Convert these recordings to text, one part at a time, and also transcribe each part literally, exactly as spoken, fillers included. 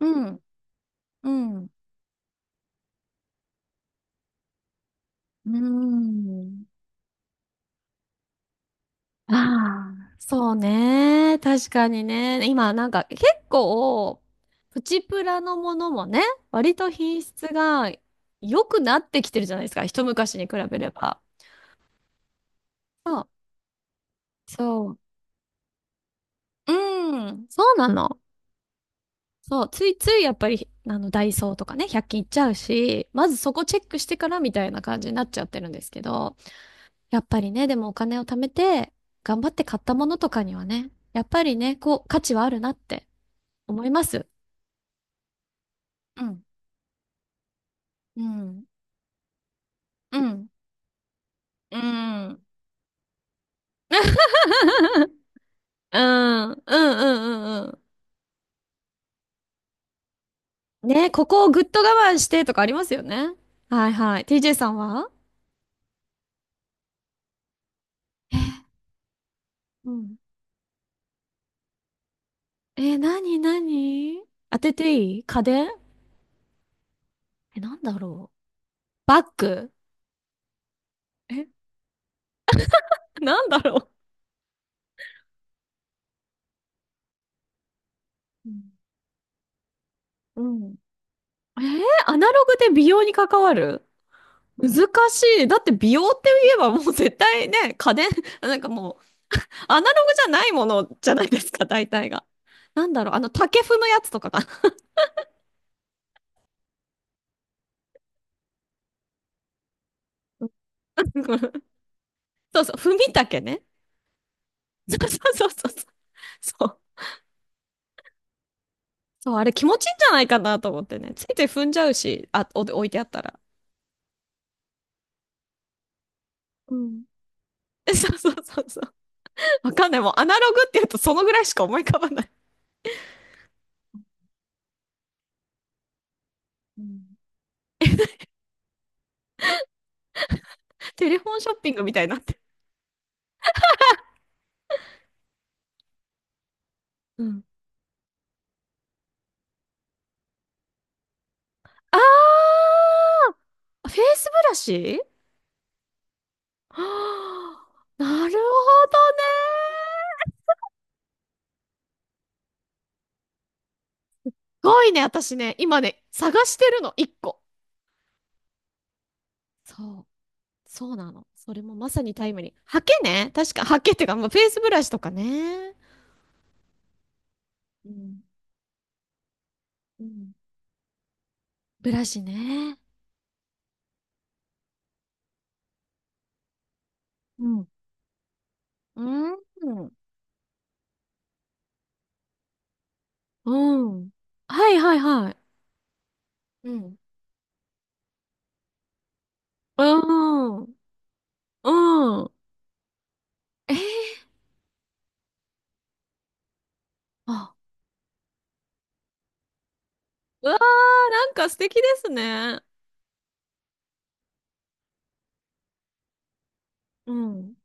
うん、うん、うん。ああ、そうね。確かにね。今、なんか結構、プチプラのものもね、割と品質が良くなってきてるじゃないですか。一昔に比べれば。そう、そう。うん、そうなの。そう、ついついやっぱり、あの、ダイソーとかね、ひゃっ均行っちゃうし、まずそこチェックしてからみたいな感じになっちゃってるんですけど。やっぱりね、でもお金を貯めて、頑張って買ったものとかにはね、やっぱりね、こう、価値はあるなって思います。うん、うん、うん、うん。うんうん、うん、うん、うん。ね、ここをぐっと我慢してとかありますよね。はいはい。ティージェー さんは、うん。えー、なになに、当てていい。家電？え、なんだろう。バッグ？え、なんだろう。うん。うん。えー、アナログで美容に関わる。難しい。だって美容って言えばもう絶対ね、家電、なんかもうアナログじゃないものじゃないですか、大体が。なんだろう、あの竹踏むやつとかかな。そうそう、踏み竹ね。そうそうそうそう。そう、そう、あれ気持ちいいんじゃないかなと思ってね。ついつい踏んじゃうし、あ、お置いてあったら。うん。そうそうそうそう。わかんない。もうアナログって言うとそのぐらいしか思い浮かばない。うん。テレフォンショッピングみたいになってる。うん。あー、フェイスブラシ。 はあ、なるほどね。すごいね、私ね、今ね、探してるの、一個。そう、そうなの。それもまさにタイムリー。ハケね、確か、ハケっていうか、まあ、フェイスブラシとかね。うん、うん。ブラシね。うん。うん。うん。はいはいはい。うん。うん。うん。えー、あ、うわー、なんか素敵ですね。うん。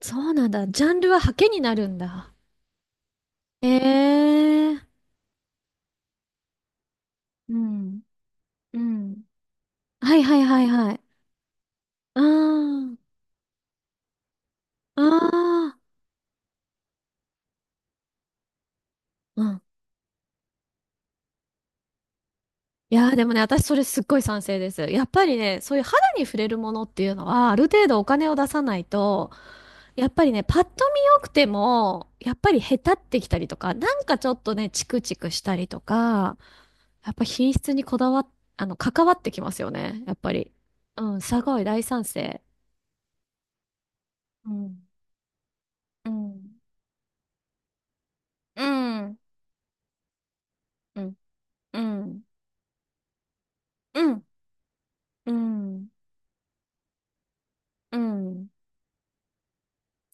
そうなんだ。ジャンルはハケになるんだ。えー。うん。うん。はいはいはいはい。ああ、ああ、うん。いやーでもね、私それすっごい賛成です。やっぱりね、そういう肌に触れるものっていうのは、ある程度お金を出さないと、やっぱりね、パッと見良くても、やっぱりへたってきたりとか、なんかちょっとね、チクチクしたりとか、やっぱ品質にこだわっ、あの、関わってきますよね、やっぱり。うん、すごい大賛成。うん、うん、うん、うん、うん。うんうん。うん。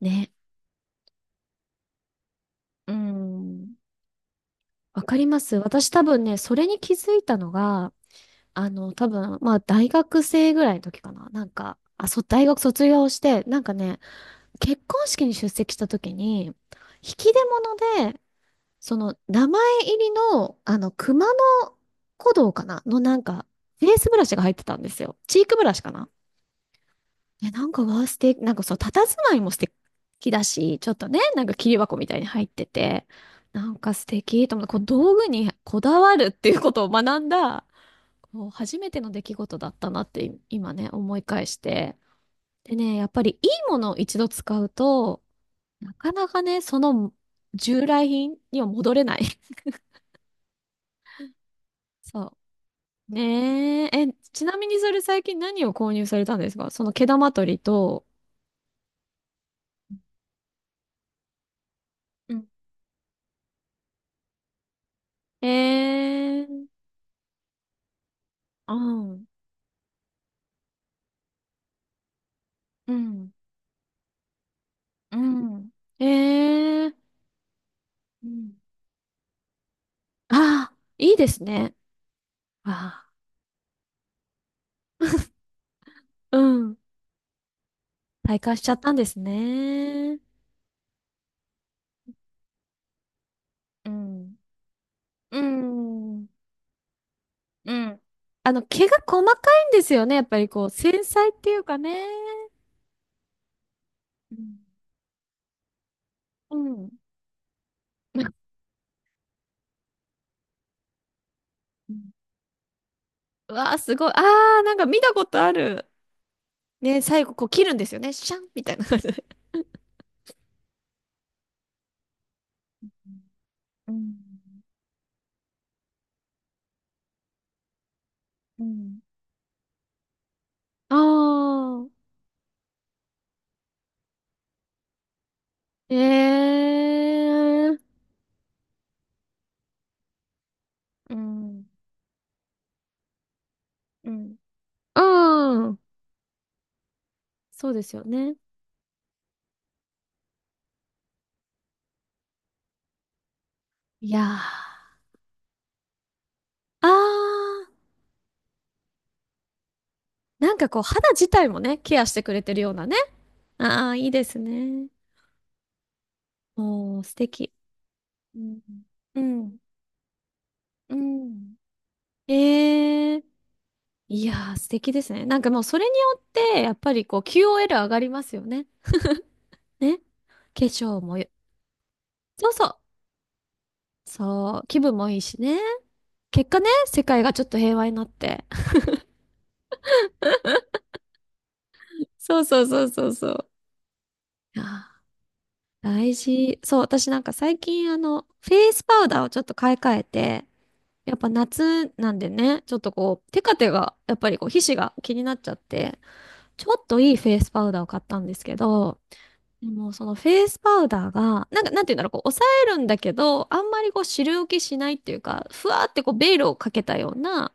ね。うん。わかります。私多分ね、それに気づいたのが、あの、多分、まあ、大学生ぐらいの時かな。なんか、あ、そ大学卒業して、なんかね、結婚式に出席した時に、引き出物で、その、名前入りの、あの、熊野古道かなのなんか、フェイスブラシが入ってたんですよ。チークブラシかな、ね、なんかワーステーなんかそう、佇まいも素敵だし、ちょっとね、なんか切り箱みたいに入ってて、なんか素敵と思って、こう道具にこだわるっていうことを学んだ、こう初めての出来事だったなってい今ね、思い返して。でね、やっぱりいいものを一度使うと、なかなかね、その従来品には戻れない。そう。ねえ、え、ちなみにそれ最近何を購入されたんですか、その毛玉取りと、うん、えー、うん。うん。うん。ええ、うん。ああ、いいですね。ああ、うん。体感しちゃったんですね。うん。うん。うん。あの、毛が細かいんですよね。やっぱりこう、繊細っていうかね。うん、うん。うん、うわあ、すごい。ああ、なんか見たことある。ね、最後こう切るんですよね。シャンみたいな感じで。うん、うん、ああー、ええ、うん。うん。うん。そうですよね。いやー。あー。なんかこう、肌自体もね、ケアしてくれてるようなね。あー、いいですね。もう、素敵。うん。うん。うん、ええ、いやー、素敵ですね。なんかもうそれによって、やっぱりこう キューオーエル 上がりますよね。ね。化粧もよ、そうそう。そう、気分もいいしね。結果ね、世界がちょっと平和になって。そうそうそうそうそう。いやー、大事。そう、私なんか最近あの、フェイスパウダーをちょっと買い替えて、やっぱ夏なんでね、ちょっとこう、テカテが、やっぱりこう、皮脂が気になっちゃって、ちょっといいフェイスパウダーを買ったんですけど、でもそのフェイスパウダーが、なんか、なんていうんだろう、こう、抑えるんだけど、あんまりこう、汁浮きしないっていうか、ふわーってこう、ベールをかけたような、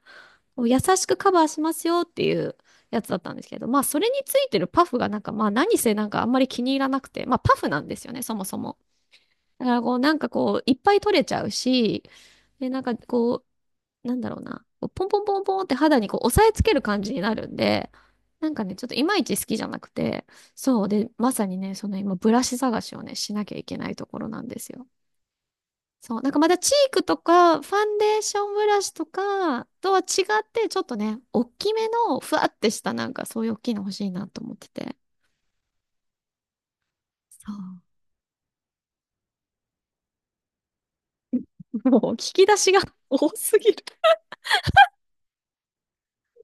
こう優しくカバーしますよっていうやつだったんですけど、まあ、それについてるパフがなんか、まあ、何せなんかあんまり気に入らなくて、まあ、パフなんですよね、そもそも。だからこう、なんかこう、いっぱい取れちゃうし、で、なんかこう、なんだろうな、こうポンポンポンポンって肌にこう、押さえつける感じになるんで、なんかね、ちょっといまいち好きじゃなくて、そう、で、まさにね、その今、ブラシ探しをね、しなきゃいけないところなんですよ。そう、なんかまだチークとか、ファンデーションブラシとかとは違って、ちょっとね、大きめの、ふわってした、なんかそういう大きいの欲しいなと思ってて。そう。もう、引き出しが 多すぎる。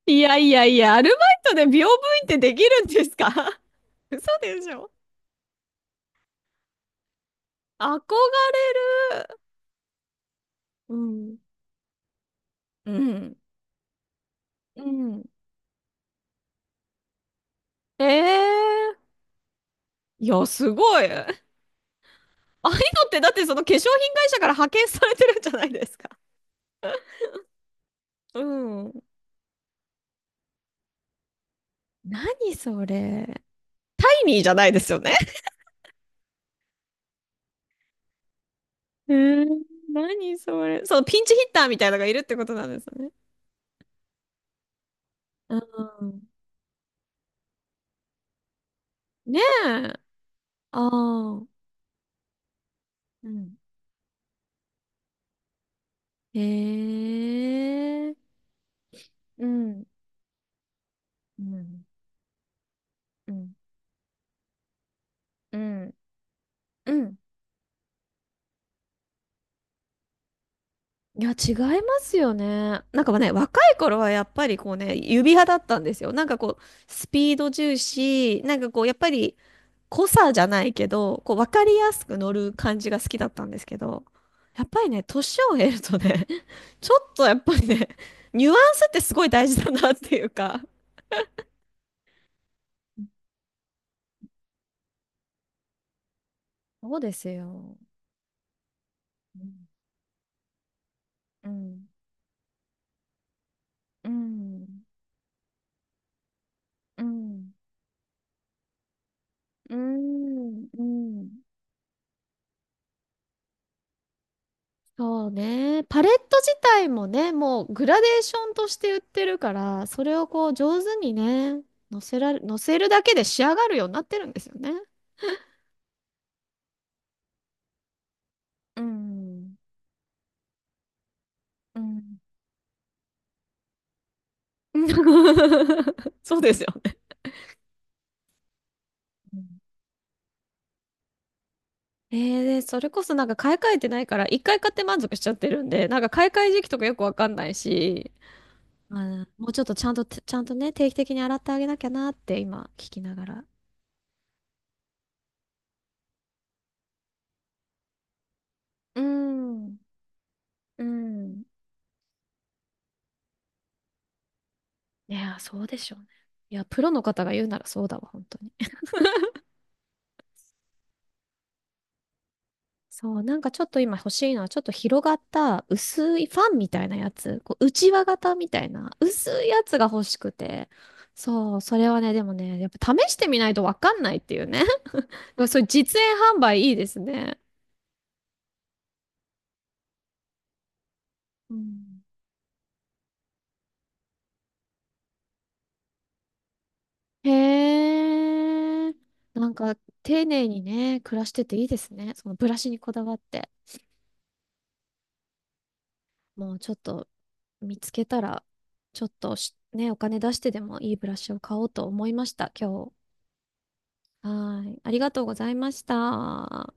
いやいやいや、アルバイトで美容部員ってできるんですか？ 嘘でしょ、憧れる。うん。うん。うん。ええ、いや、すごい。ああいうのってだってその化粧品会社から派遣されてるんじゃないですか。うん。何それ。タイニーじゃないですよね。えー、何それ。そのピンチヒッターみたいなのがいるってことなんですね。うん。ねえ。ああ。うん。へえ。うん。うん。うん。うん。うん、いや、違いますよね。なんかね、若い頃はやっぱりこうね、指派だったんですよ。なんかこう、スピード重視、なんかこう、やっぱり、濃さじゃないけど、こう、わかりやすく乗る感じが好きだったんですけど、やっぱりね、年を経るとね、ちょっとやっぱりね、ニュアンスってすごい大事だなっていうか。そうですよ。うん、うん。うん。うん。うん。うん。そうね。パレット自体もね、もうグラデーションとして売ってるから、それをこう上手にね、乗せられ、乗せるだけで仕上がるようになってるんですよね。うん。うん。そうですよね。うん、えー、でそれこそなんか買い替えてないから、一回買って満足しちゃってるんで、なんか買い替え時期とかよくわかんないし、あー、もうちょっとちゃんと、ちゃんとね、定期的に洗ってあげなきゃなって今聞きながら。うん。うん、いや、そうでしょうね。いや、プロの方が言うならそうだわ、本当に。そう、なんかちょっと今欲しいのは、ちょっと広がった薄いファンみたいなやつ、こう、型みたいな薄いやつが欲しくて。そう、それはね、でもね、やっぱ試してみないとわかんないっていうね。そういう実演販売いいですね。うん。へえ。なんか丁寧にね、暮らしてていいですね。そのブラシにこだわって。もうちょっと見つけたら、ちょっとしね、お金出してでもいいブラシを買おうと思いました、今日。はーい。ありがとうございました。